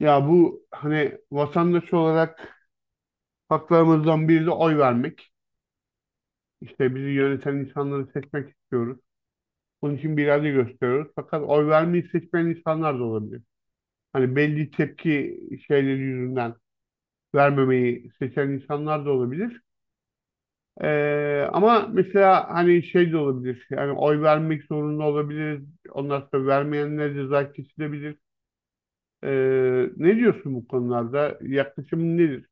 Ya bu hani vatandaş olarak haklarımızdan biri de oy vermek. İşte bizi yöneten insanları seçmek istiyoruz. Bunun için bir irade gösteriyoruz. Fakat oy vermeyi seçmeyen insanlar da olabilir. Hani belli tepki şeyleri yüzünden vermemeyi seçen insanlar da olabilir. Ama mesela hani şey de olabilir. Yani oy vermek zorunda olabilir. Ondan sonra vermeyenlere ceza kesilebilir. Ne diyorsun bu konularda? Yaklaşımın nedir?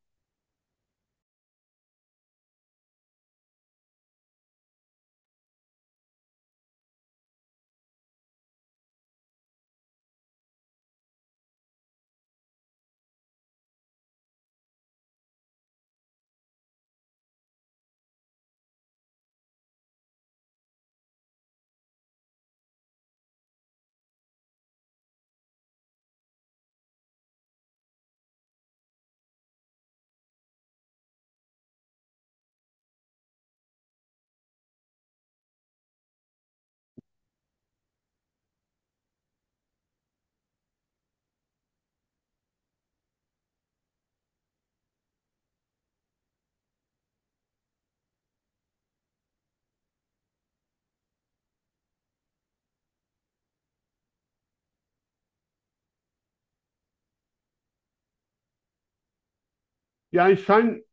Yani sen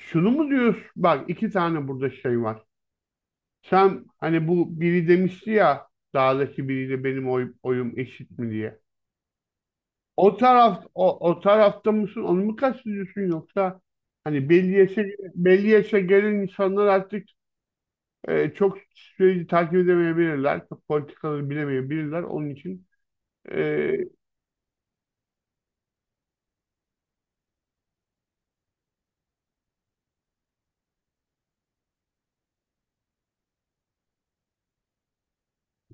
şunu mu diyorsun? Bak iki tane burada şey var. Sen hani bu biri demişti ya dağdaki biriyle benim oyum eşit mi diye. O tarafta mısın? Onu mu kastediyorsun yoksa hani belli yaşa gelen insanlar artık çok süreci takip edemeyebilirler. Çok politikaları bilemeyebilirler. Onun için e,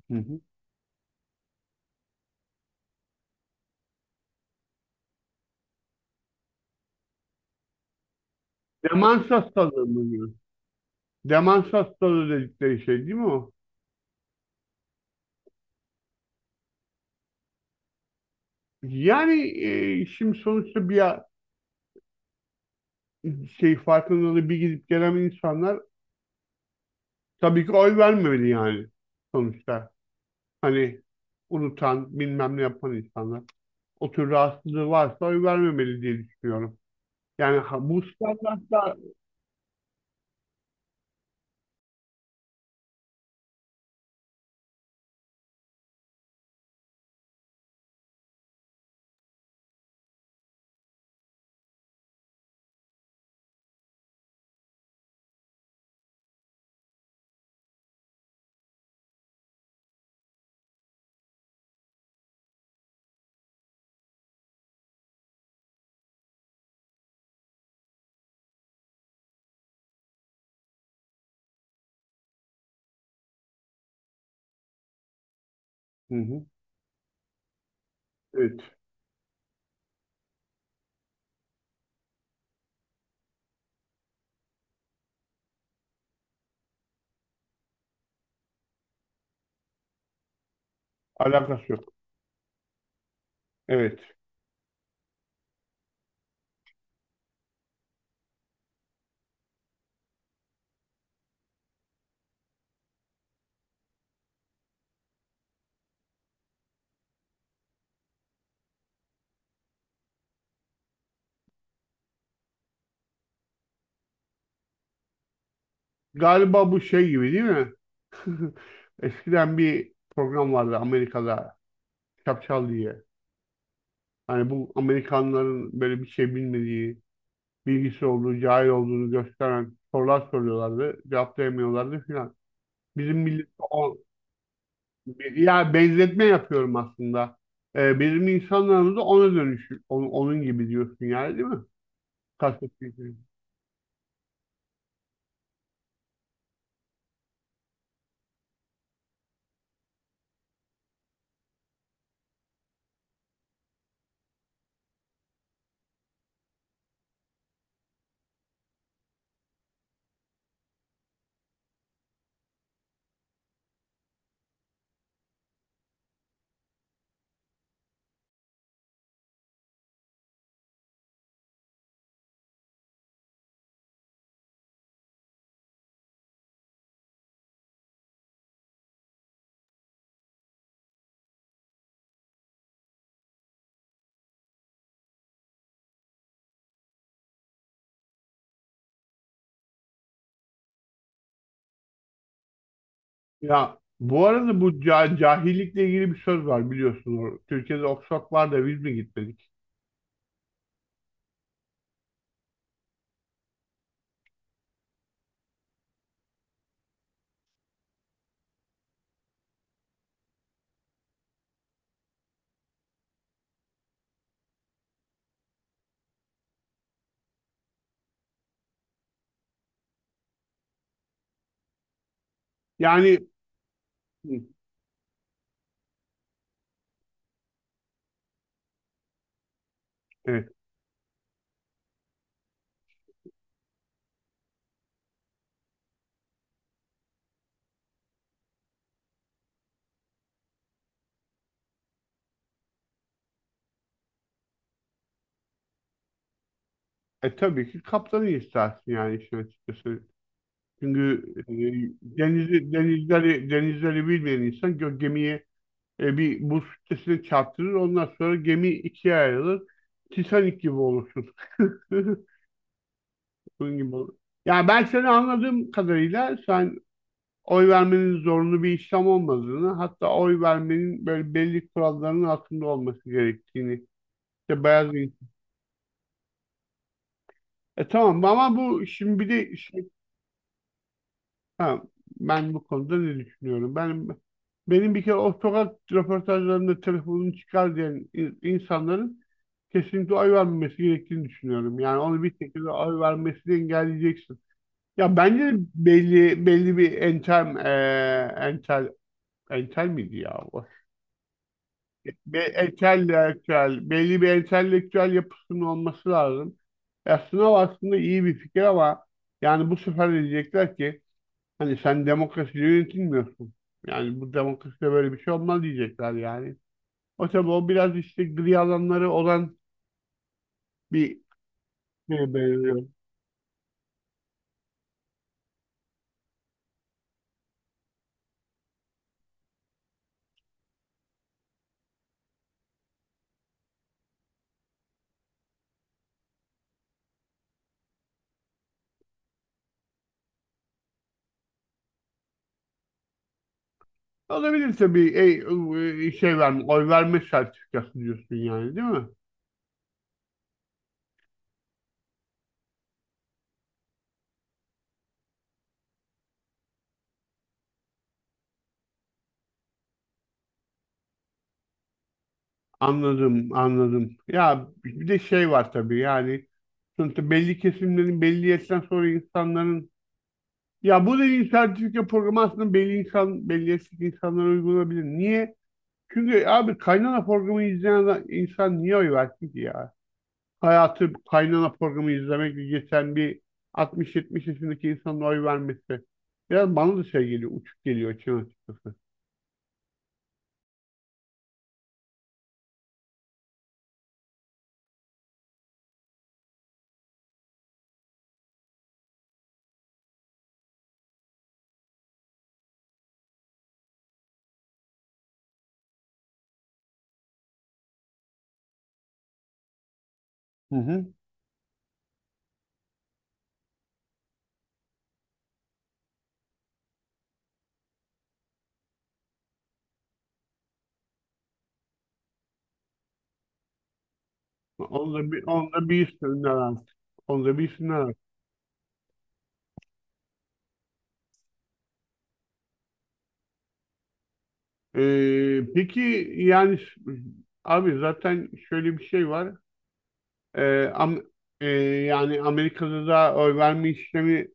Hı hı. Demans hastalığı mı diyor? Demans hastalığı dedikleri şey değil mi o? Yani şimdi sonuçta bir şey farkındalığı bir gidip gelen insanlar tabii ki oy vermemeli yani sonuçta. Hani unutan, bilmem ne yapan insanlar. O tür rahatsızlığı varsa oy vermemeli diye düşünüyorum. Yani bu standartlar... Hı hı, evet. Alakası yok. Evet. Galiba bu şey gibi değil mi? Eskiden bir program vardı Amerika'da. Çapçal diye. Hani bu Amerikanların böyle bir şey bilmediği bilgisi olduğu, cahil olduğunu gösteren sorular soruyorlardı. Cevaplayamıyorlardı filan. Bizim millet o, ya benzetme yapıyorum aslında. Bizim insanlarımız da ona onun gibi diyorsun yani değil mi? Kastettiğin şey. Ya bu arada bu cahillikle ilgili bir söz var biliyorsunuz. Türkiye'de Oxford var da biz mi gitmedik? Yani hı, evet. Tabii ki kaptanı istersin yani işin açıkçası. Çünkü denizleri bilmeyen insan gemiyi bir buz kütlesine çarptırır. Ondan sonra gemi ikiye ayrılır. Titanic gibi olursun. Bunun gibi olur. Yani ben seni anladığım kadarıyla sen oy vermenin zorunlu bir işlem olmadığını, hatta oy vermenin böyle belli kuralların altında olması gerektiğini. İşte beyaz bir- Tamam ama bu şimdi bir de. Ha, ben bu konuda ne düşünüyorum? Benim bir kere o sokak röportajlarında telefonunu çıkar diyen insanların kesinlikle oy vermemesi gerektiğini düşünüyorum. Yani onu bir şekilde oy vermesini engelleyeceksin. Ya bence de belli belli bir entel entel miydi ya? O, entelektüel, belli bir entelektüel yapısının olması lazım. Aslında o aslında iyi bir fikir ama yani bu sefer de diyecekler ki hani sen demokrasi yönetilmiyorsun. Yani bu demokraside böyle bir şey olmaz diyecekler yani. O tabii o biraz işte gri alanları olan bir şeye benziyor. Olabilirse bir oy verme sertifikası diyorsun yani değil mi? Anladım, anladım. Ya bir de şey var tabii yani sonuçta belli kesimlerin belli yaştan sonra insanların ya bu dediğin sertifika programı aslında belli yaştaki insanlara uygulanabilir. Niye? Çünkü abi kaynana programı izleyen insan niye oy versin ki ya? Hayatı kaynana programı izlemekle geçen bir 60-70 yaşındaki insanın oy vermesi. Biraz bana da şey geliyor, uçuk geliyor için açıkçası. Hı hı. Onu da bilsinler artık. Onu da bilsinler artık. Peki yani abi zaten şöyle bir şey var. Ee, am, e, Yani Amerika'da da oy verme işlemi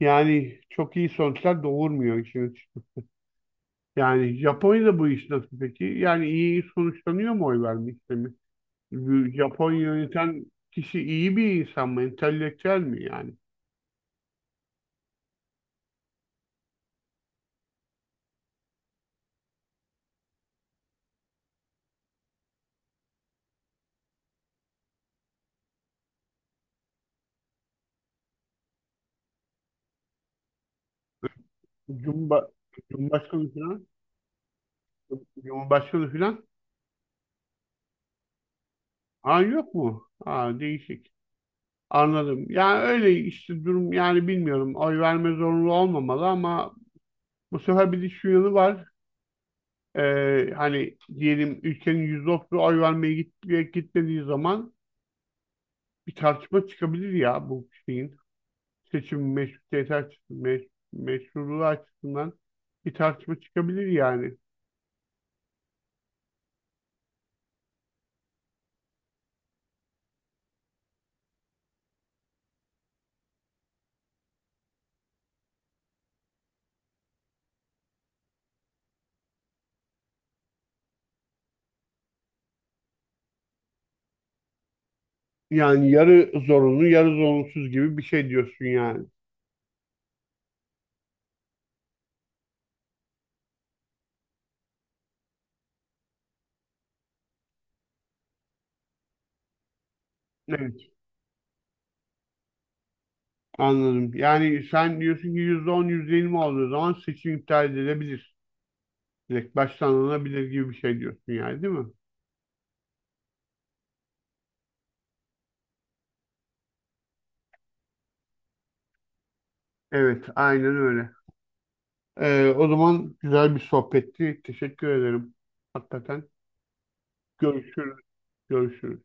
yani çok iyi sonuçlar doğurmuyor için. Yani Japonya'da bu iş nasıl peki? Yani iyi sonuçlanıyor mu oy verme işlemi? Bu Japonya yöneten kişi iyi bir insan mı? Entelektüel mi yani? Cumba, Cumhurbaşkanı falan? Cumhurbaşkanı falan? Aa yok mu? Aa değişik. Anladım. Yani öyle işte durum yani bilmiyorum. Oy verme zorunlu olmamalı ama bu sefer bir de şu yanı var. Hani diyelim ülkenin %30'u oy vermeye gitmediği zaman bir tartışma çıkabilir ya bu şeyin. Seçim meşrutiyeti açısından, meşruluğu açısından bir tartışma çıkabilir yani. Yani yarı zorunlu, yarı zorunsuz gibi bir şey diyorsun yani. Evet, anladım. Yani sen diyorsun ki %10, yüzde %20 olduğu zaman seçim iptal edilebilir. Direkt baştan alınabilir gibi bir şey diyorsun yani değil mi? Evet, aynen öyle. O zaman güzel bir sohbetti. Teşekkür ederim. Hakikaten görüşürüz. Görüşürüz.